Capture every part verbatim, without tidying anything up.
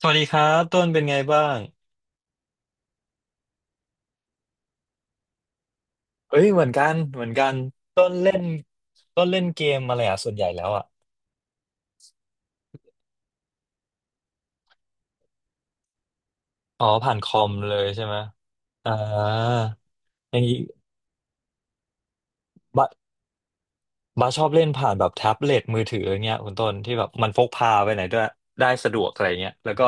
สวัสดีครับต้นเป็นไงบ้างเอ้ยเหมือนกันเหมือนกันต้นเล่นต้นเล่นเกมอะไรอ่ะส่วนใหญ่แล้วอ่ะอ๋อผ่านคอมเลยใช่ไหมอ่าอย่างนี้บาบาชอบเล่นผ่านแบบแท็บเล็ตมือถืออย่างเงี้ยคุณต้นที่แบบมันพกพาไปไหนด้วยได้สะดวกอะไรเงี้ยแล้วก็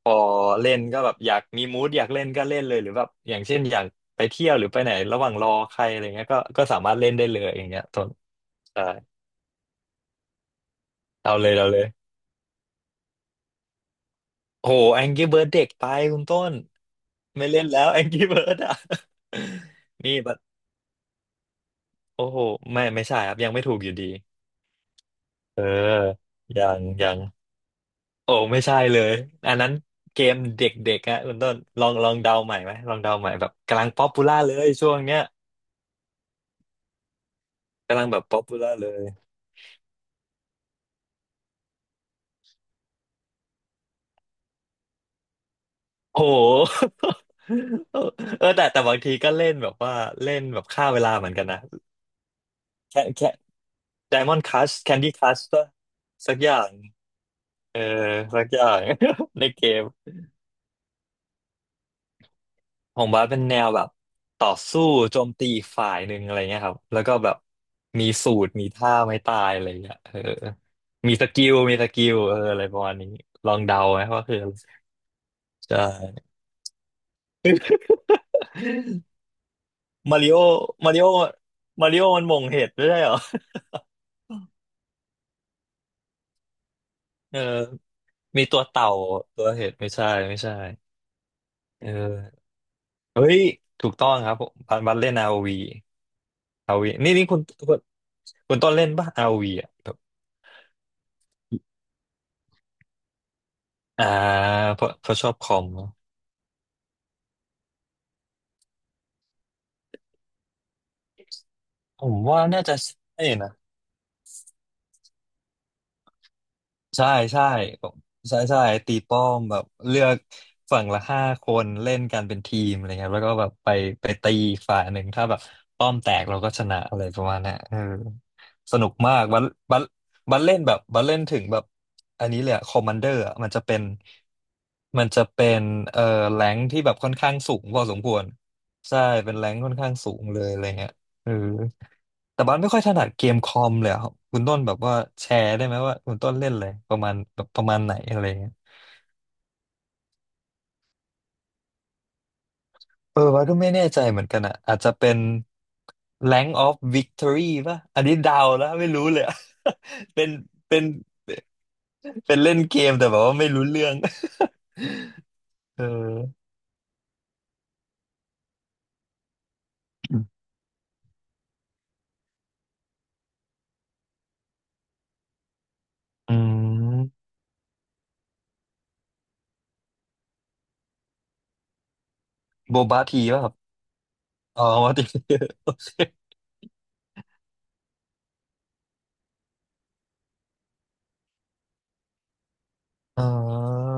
พอเล่นก็แบบอยากมีมูดอยากเล่นก็เล่นเลยหรือแบบอย่างเช่นอยากไปเที่ยวหรือไปไหนระหว่างรอใครอะไรเงี้ยก็ก็สามารถเล่นได้เลยอย่างเงี้ยต้นใช่เอาเลยเอาเลย โหแองกี้เบิร์ดเด็กไปคุณต้นไม่เล่นแล้วแองกี้เบิร์ดอ่ะ นี่แบบโอ้โหไม่ไม่ใช่ครับยังไม่ถูกอยู่ดีเออยังยังโอ้ไม่ใช่เลยอันนั้นเกมเด็กๆฮะคุณต้นลองลองเดาใหม่ไหมลองเดาใหม่แบบกำลังป๊อปปูล่าเลยช่วงเนี้ยกำลังแบบป๊อปปูล่าเลยโอ้โห เออแต่แต่บางทีก็เล่นแบบว่าเล่นแบบฆ่าเวลาเหมือนกันนะแค่แค่ Diamond Crush Candy Crush ป่ะสักอย่าง เออสักอย่าง ในเกมของบาสเป็นแนวแบบต่อสู้โจมตีอีกฝ่ายหนึ่งอะไรเงี้ยครับแล้วก็แบบมีสูตรมีท่าไม่ตายอะไรเงี้ยเออมีสกิลมีสกิลเอออะไรประมาณนี้ลองเดาไหมว่าคืออะไรใช่ มาริโอมาริโอมาริโอมันหม่งเห็ดไม่ใช่เหรอเออมีตัวเต่าตัวเห็ดไม่ใช่ไม่ใช่เออเฮ้ยถูกต้องครับผมบันบันเล่น อาร์ โอ วี r วีอาร์โอวีนี่นี่คุณคุณคุณต้นเล่นป่ะ r วีอ่ะ อ่าเพราะเพราะชอบคอมเนอะผมว่าน่าจะใช่นะใช่ใช่ผมใช่ใช่ตีป้อมแบบเลือกฝั่งละห้าคนเล่นกันเป็นทีมอะไรเงี้ยแล้วก็แบบไปไปตีอีกฝ่ายหนึ่งถ้าแบบป้อมแตกเราก็ชนะอะไรประมาณเนี้ยเออสนุกมากบัลบัลบัลเล่นแบบบัลเล่นถึงแบบอันนี้เลยอะคอมมานเดอร์อะมันจะเป็นมันจะเป็นเอ่อแรงค์ที่แบบค่อนข้างสูงพอสมควรใช่เป็นแรงคค่อนข้างสูงเลยอะไรเงี้ยเออ แต่บ้านไม่ค่อยถนัดเกมคอมเลยอะครับคุณต้นแบบว่าแชร์ได้ไหมว่าคุณต้นเล่นอะไรประมาณแบบประมาณไหนอะไรเงี้ยเออบ้านก็ไม่แน่ใจเหมือนกันอ่ะอาจจะเป็น Rank of Victory ป่ะอันนี้เดาแล้วไม่รู้เลยอะ เป็นเป็นเป็นเล่นเกมแต่แบบว่าไม่รู้เรื่อง เอออืมโบบาทีป่ะครับอ๋อมาที อ่า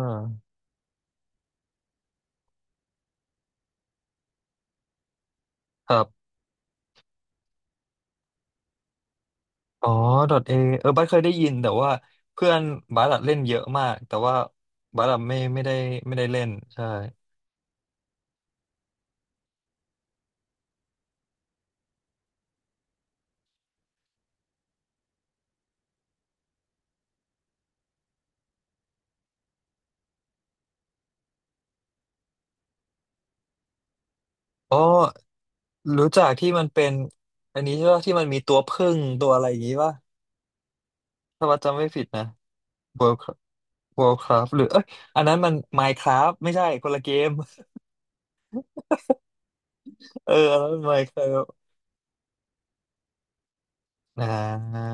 ครับ อ๋อ dot A เออบัสเคยได้ยินแต่ว่าเพื่อนบัสอะเล่นเยอะมากแต่ว่าบัสอะไม่ไม่ได้ไม่ได้เล่นใช่อ๋อรู้จักที่มันเป็นอันนี้ใช่ป่ะที่มันมีตัวผึ้งตัวอะไรอย่างงี้ป่ะถ้าบัสจำไม่ผิดนะ World Worldcraft หรือเอ้ยอันนั้นมัน Minecraft ไม่ใช่คนละเกม เอออันนั้นมัน Minecraft อ่า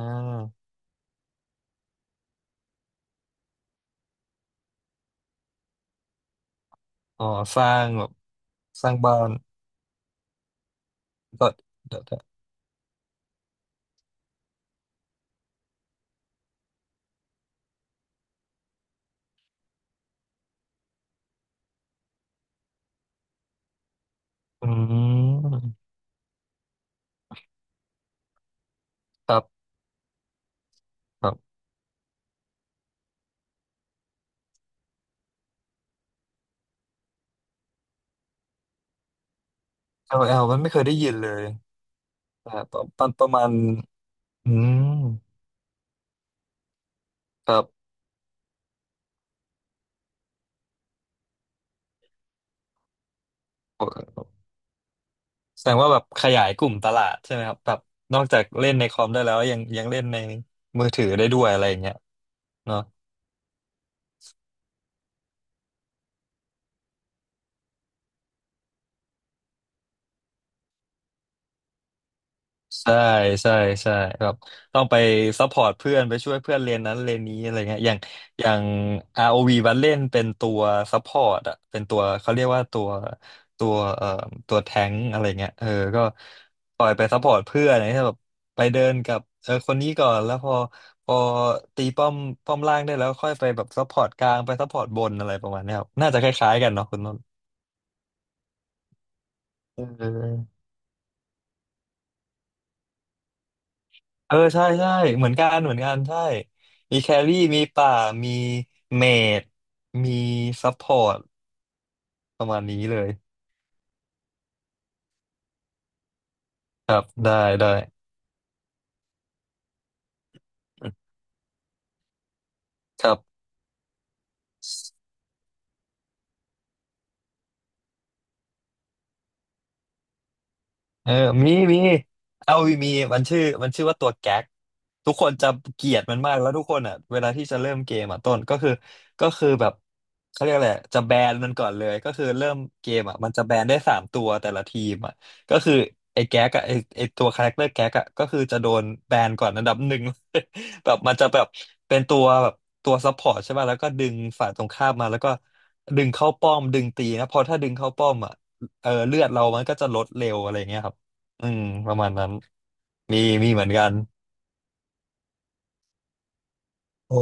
อ๋อสร้างแบบสร้างบ้าน dot dot อืมครับครับ แอล แอล มันไม่เคยได้ยินเลย อ่าตอนตอนประมาณอืมครับโอเคแสดงว่าแบบขยายกลุ่มตลาดใช่ไหมครับ แบบนอกจากเล่นในคอมได้แล้ว ยังยังเล่นในมือถือได้ด้วยอะไรอย่างเงี้ยเนาะ ใช่ใช่ใช่ครับต้องไปซัพพอร์ตเพื่อนไปช่วยเพื่อนเรียนนั้นเรียนนี้อะไรเงี้ยอย่างอย่าง อาร์ โอ วี บัดเล่นเป็นตัวซัพพอร์ตอะเป็นตัวเขาเรียกว่าตัวตัวเอ่อตัวแทงอะไรเงี้ยเออก็คอยไปซัพพอร์ตเพื่อนอะไรเงี้ยแบบไปเดินกับเออคนนี้ก่อนแล้วพอพอตีป้อมป้อมล่างได้แล้วค่อยไปแบบซัพพอร์ตกลางไปซัพพอร์ตบนอะไรประมาณเนี้ยครับน่าจะคล้ายๆกันเนาะคุณนนท์เออ เออใช่ใช่เหมือนกันเหมือนกันใช่มีแครี่มีป่ามีเมจมีซัพพอร์ตประมาณนี้เลยครับได้ได้ครับ เออมีมีเอาวีมีมันชื่อมันชื่อว่าตัวแก๊กทุกคนจะเกลียดมันมากแล้วทุกคนอ่ะเวลาที่จะเริ่มเกมอ่ะต้นก็คือก็คือแบบเขาเรียกอะไรจะแบนมันก่อนเลยก็คือเริ่มเกมอ่ะมันจะแบนได้สามตัวแต่ละทีมอ่ะก็คือไอ้แก๊กอ่ะไอ้ไอ้ตัวคาแรคเตอร์แก๊กอ่ะก็คือจะโดนแบนก่อนอันดับหนึ่ง แบบมันจะแบบเป็นตัวแบบตัวซัพพอร์ตใช่ป่ะแล้วก็ดึงฝ่ายตรงข้ามมาแล้วก็ดึงเข้าป้อมดึงตีนะเพอถ้าดึงเข้าป้อมอ่ะเออเลือดเรามันก็จะลดเร็วอะไรเงี้ยครับ อืมประมาณนั้นมีมีเหมือนกันโอ้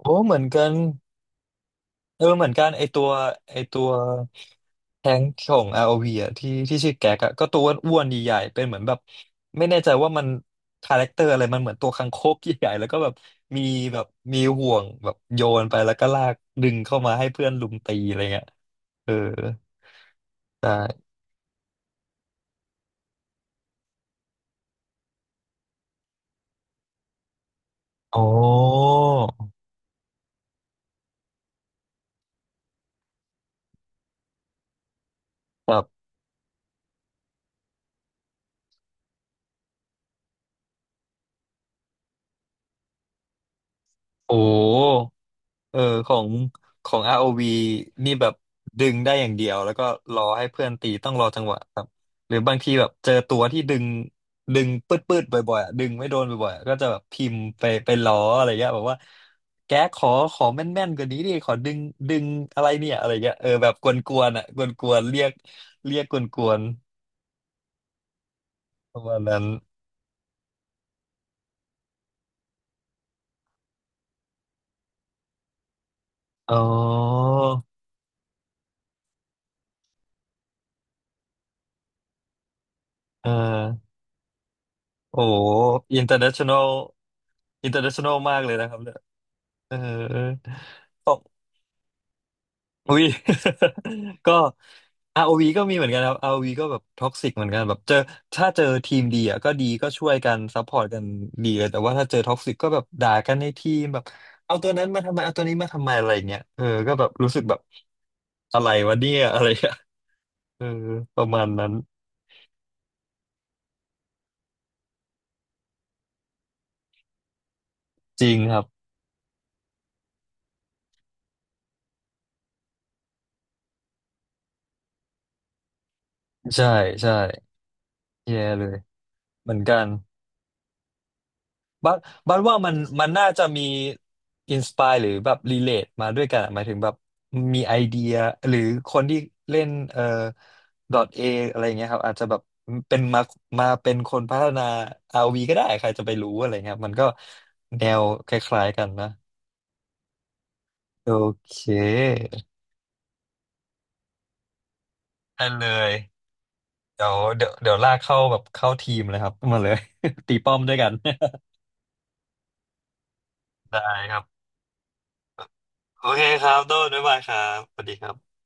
โอ้เหมือนกันเออเหมือนกันไอตัวไอตัวแทงค์ของ อาร์ โอ วี อวีอ่ะที่ที่ชื่อแก๊กอ่ะก็ตัวอ้วนๆใหญ่ๆเป็นเหมือนแบบไม่แน่ใจว่ามันคาแรคเตอร์อะไรมันเหมือนตัวคังคกใหญ่ๆแล้วก็แบบมีแบบมีห่วงแบบโยนไปแล้วก็ลากดึงเข้ามาให้เพื่อนลุมตีอะไรเงี้ยเออใช่โอ้แบบโอ้ เออของของอ o v นี่แบบดึงได้อย่างเดียวแล้วก็รอให้เพื่อนตีต้องรอจังหวะครับหรือบางทีแบบเจอตัวที่ดึงดึงปืดปืดบ่อยๆอะดึงไม่โดนบ่อยๆอะก็จะแบบพิมพ์ไปไปล้ออะไรเงี้ยแบบว่าแกขอขอแม่นๆกว่านี้ดิขอดึงดึงอะไรเนี่ยอะไรเงี้ยเออแบบกวนๆอ่ะกวนๆเรียกเรียกกวนๆประมาณนั้นอ๋อเออโอ้ international international มากเลยนะครับเนี่ยเออ อุ้ย ก็อ o v ก็มีเหมือนกันครับ r วีก็แบบท็อกซิกเหมือนกันแบบเจอถ้าเจอทีมดีอ่ะก็ดีก็ช่วยกันซัพพอร์ตกันดีเลยแต่ว่าถ้าเจอท็อกซิกก็แบบด่ากันในทีมแบบเอาตัวนั้นมาทำไมเอาตัวนี้มาทำไมอะไรเงี้ยเออก็แบบรู้สึกแบบอะไรวะเนี่ย อะไรอะเออประมาณนั้นจริงครับใช่ใช่แย่เลยเหมือนกัน บัดบัดว่ามันมันน่าจะมีอินสปายหรือแบบรีเลทมาด้วยกันอะหมายถึงแบบมีไอเดียหรือคนที่เล่นเอ่อดอทเออะไรเงี้ยครับอาจจะแบบเป็นมามาเป็นคนพัฒนา อาร์ วี ก็ได้ใครจะไปรู้อะไรเงี้ยครับมันก็แนวคล้ายๆกันนะโอเคได้เลยเดี๋ยวเดี๋ยวเดี๋ยวลากเข้าแบบเข้าทีมเลยครับ มาเลย ตีป้อมด้วยกัน ได้ครับโอเคครับโดนบ๊ายบายครับสวัสดีครับ